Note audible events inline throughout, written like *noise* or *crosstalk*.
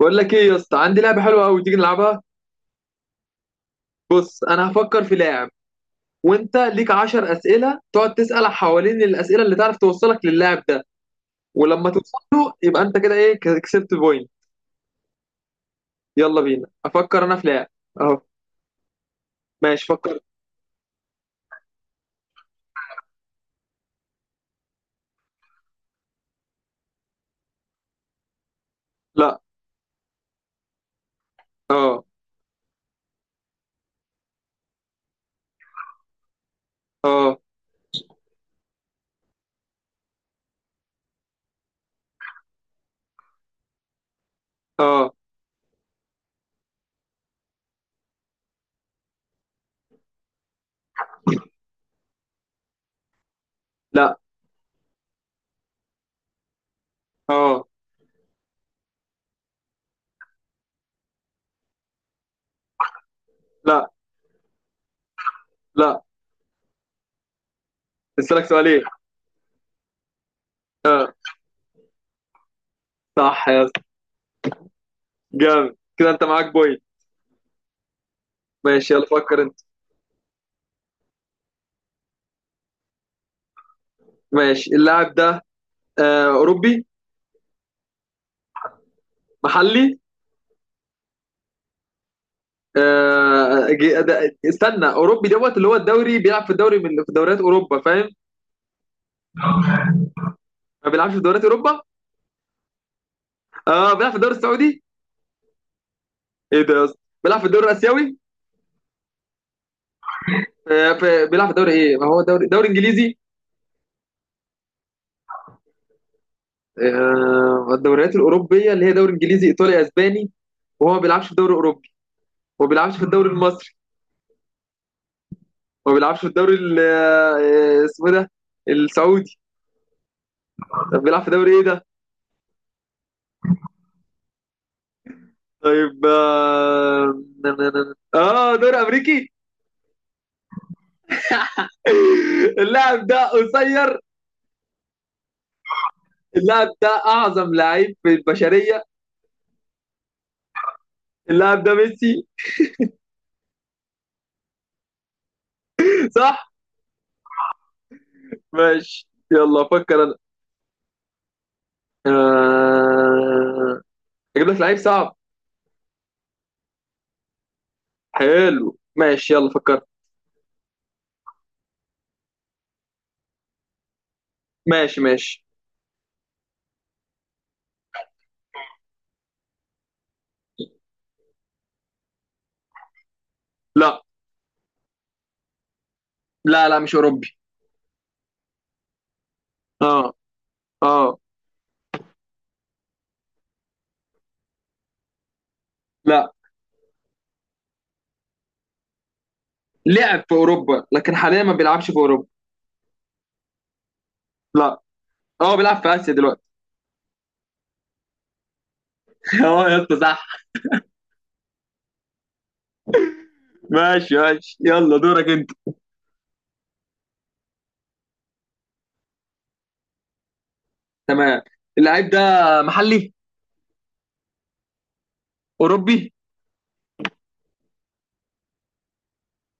بقول لك ايه يا اسطى؟ عندي لعبه حلوه قوي، تيجي نلعبها. بص انا هفكر في لاعب، وانت ليك 10 اسئله تقعد تسال حوالين الاسئله اللي تعرف توصلك للاعب ده. ولما توصل له يبقى انت كده ايه، كسبت بوينت. يلا بينا، افكر انا في لاعب. اهو ماشي فكر. لا. اه. اه. اه. لا. اه. لا. لا. اسالك سؤالين. اه صح يا اسطى، جامد كده، انت معاك بوينت. ماشي يلا فكر انت. ماشي، اللاعب ده آه اوروبي؟ محلي؟ استنى، اوروبي دوت اللي هو الدوري، بيلعب في الدوري، من في دوريات اوروبا، فاهم؟ ما بيلعبش في دوريات اوروبا؟ اه بيلعب في الدوري السعودي؟ ايه ده يا اسطى؟ بيلعب في الدوري الاسيوي؟ آه في، بيلعب في الدوري ايه؟ ما هو دوري انجليزي. آه الدوريات الاوروبيه اللي هي دوري انجليزي، ايطالي، اسباني. وهو ما بيلعبش في الدوري الاوروبي، ما بيلعبش في الدوري المصري، ما بيلعبش في الدوري اسمه إيه ده، السعودي. طب بيلعب في دوري ايه ده؟ طيب اه، دوري امريكي؟ اللاعب ده قصير؟ اللاعب ده اعظم لعيب في البشريه؟ اللاعب ده ميسي؟ صح. ماشي يلا فكر انا. آه، اجيب لك لعيب صعب. حلو ماشي، يلا فكرت. ماشي ماشي. لا لا، لا مش اوروبي. اه. اه. لا، لعب في اوروبا لكن حاليا ما بيلعبش في اوروبا. لا. اه بيلعب في اسيا دلوقتي. *laughs* اه يا اسطى صح. ماشي ماشي، يلا دورك انت. تمام، اللعيب ده محلي؟ اوروبي؟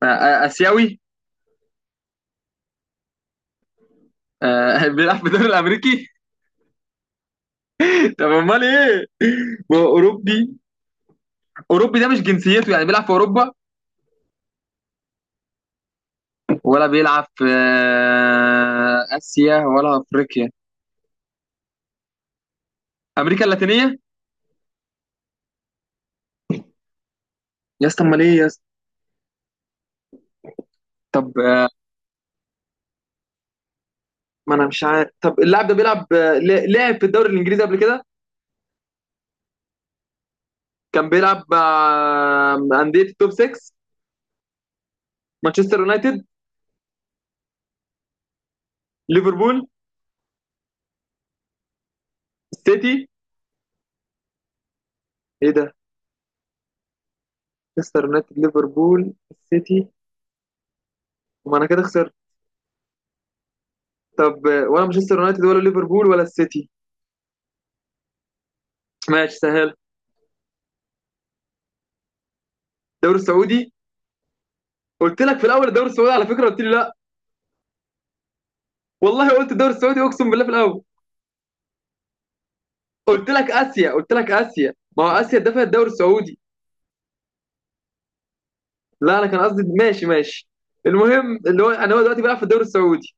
اسيوي؟ آه *laughs* بيلعب في الدوري الامريكي؟ *laughs* طب امال ايه؟ ما هو اوروبي، اوروبي ده مش جنسيته، يعني بيلعب في اوروبا. ولا بيلعب في اسيا، ولا افريقيا، امريكا اللاتينيه؟ يا اسطى امال ايه يا اسطى؟ طب آه، ما انا مش عارف. طب اللاعب ده بيلعب لعب في الدوري الانجليزي قبل كده؟ كان بيلعب مع انديه التوب 6؟ مانشستر يونايتد؟ ليفربول؟ السيتي؟ ايه ده؟ مانشستر يونايتد، ليفربول، السيتي. وما انا كده خسرت. طب آه، ولا مانشستر يونايتد ولا ليفربول ولا السيتي؟ ماشي سهل. الدوري السعودي؟ قلت لك في الاول الدوري السعودي، على فكره قلت لي لا. والله قلت الدوري السعودي، اقسم بالله، في الاول. قلت لك اسيا، قلت لك اسيا، ما هو اسيا دفع الدوري السعودي. لا انا كان قصدي، ماشي ماشي. المهم اللي هو انا، هو دلوقتي بيلعب في الدوري السعودي.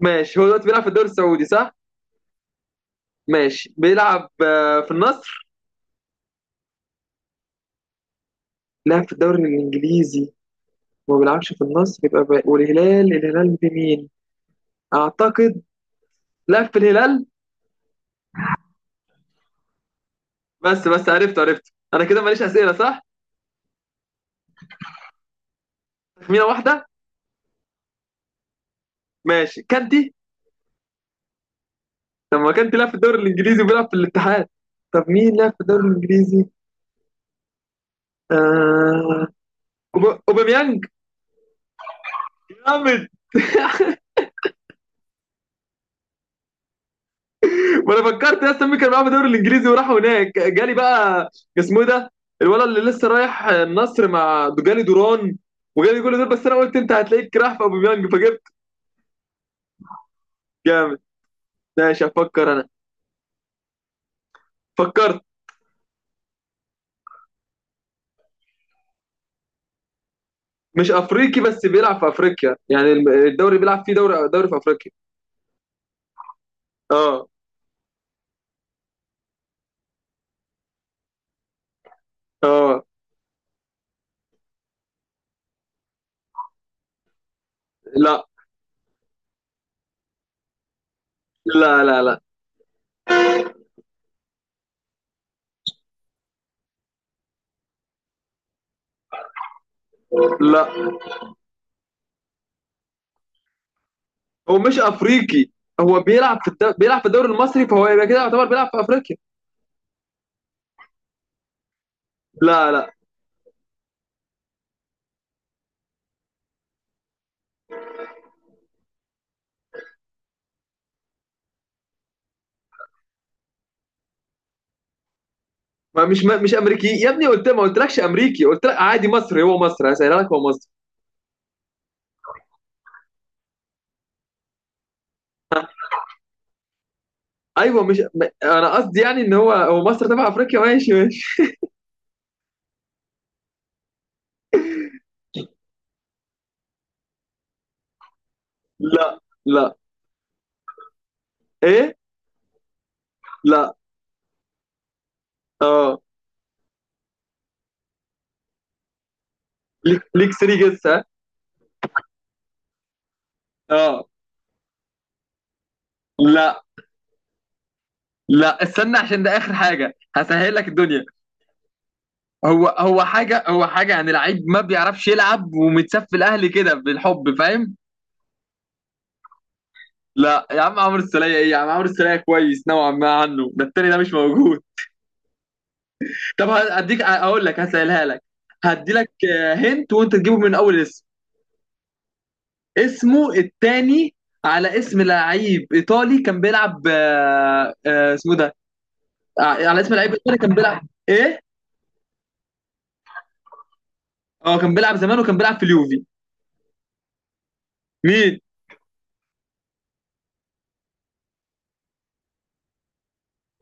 ماشي، هو دلوقتي بيلعب في الدوري السعودي صح. ماشي، بيلعب في النصر؟ لعب في الدوري الانجليزي، ما بيلعبش في النصر، يبقى بقى. والهلال، الهلال في مين؟ اعتقد لعب في الهلال. بس عرفت، عرفت انا كده ماليش اسئله صح. تخمينه واحده. ماشي كانتي. طب ما كان بيلعب في الدوري الانجليزي وبيلعب في الاتحاد؟ طب مين لعب في الدوري الانجليزي؟ آه، اوباميانج. جامد. ما انا فكرت يا اسطى مين كان معاه في الدوري الانجليزي وراح هناك، جالي بقى اسمه إيه ده، الولد اللي لسه رايح النصر، مع جالي دوران، وجالي كل دول، بس انا قلت انت هتلاقيك راح في اوباميانج فجبت. جامد. ماشي افكر انا. فكرت. مش افريقي، بس بيلعب في افريقيا، يعني الدوري بيلعب فيه، دوري في افريقيا. اه. اه. لا. لا. لا. لا. لا. هو مش افريقي. هو بيلعب في بيلعب في الدوري المصري، فهو يبقى كده يعتبر بيلعب في افريقيا. لا. لا. ما مش ما مش امريكي يا ابني، قلت ما قلتلكش امريكي، قلت لك عادي مصري، هو مصري، هسهلها لك، هو مصري. ايوه مش ما- انا قصدي يعني ان هو، هو مصر تبع افريقيا. ماشي ماشي. لا. لا. ايه؟ لا. اه. ليك 3 جيس، ها. اه. لا. لا استنى، عشان ده اخر حاجه، هسهل لك الدنيا. هو حاجه يعني، لعيب ما بيعرفش يلعب ومتساب في الاهلي كده بالحب، فاهم؟ لا يا عم، عمرو السولية ايه يا عم؟ عمرو السولية كويس نوعا ما عنه، ده التاني ده مش موجود. *laughs* طب هديك، اقول لك، هسألها لك، هدي لك. هنت وانت تجيبه من اول اسم. اسمه التاني، على اسم لعيب ايطالي كان بيلعب، اسمه ده على اسم لعيب ايطالي كان بيلعب. ايه؟ اه كان بيلعب زمان، وكان بيلعب في اليوفي. مين؟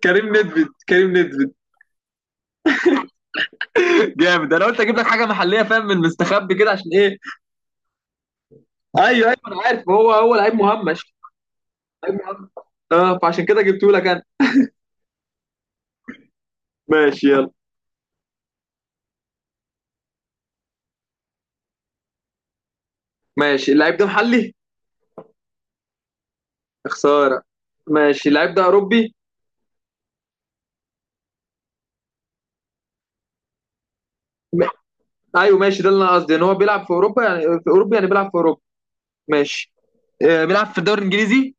كريم نيدفيد، كريم نيدفيد. *laughs* جامد، انا قلت اجيب لك حاجه محليه فاهم من المستخبي كده، عشان ايه. ايوه ايوه انا عارف، هو هو لعيب مهمش. لعيب مهمش، اه فعشان كده جبته لك. ماشي يلا. ماشي، اللعيب ده محلي؟ يا خساره. ماشي، اللعيب ده اوروبي؟ م... ايوه ماشي، ده اللي انا قصدي، ان هو بيلعب في اوروبا، يعني في اوروبا، يعني بيلعب في اوروبا. ماشي. آه بيلعب في الدوري الانجليزي.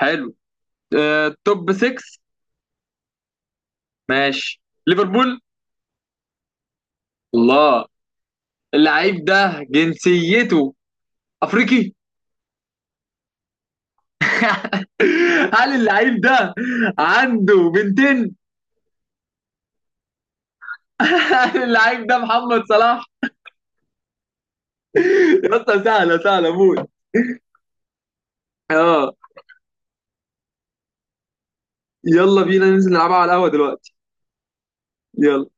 حلو. آه توب 6. ماشي. ليفربول؟ الله. اللعيب ده جنسيته افريقي؟ *laughs* هل اللعيب ده عنده بنتين؟ *laughs* هل اللعيب ده محمد صلاح؟ يا اسطى سهله، سهله موت. اه. يلا بينا ننزل نلعبها على القهوه دلوقتي. يلا.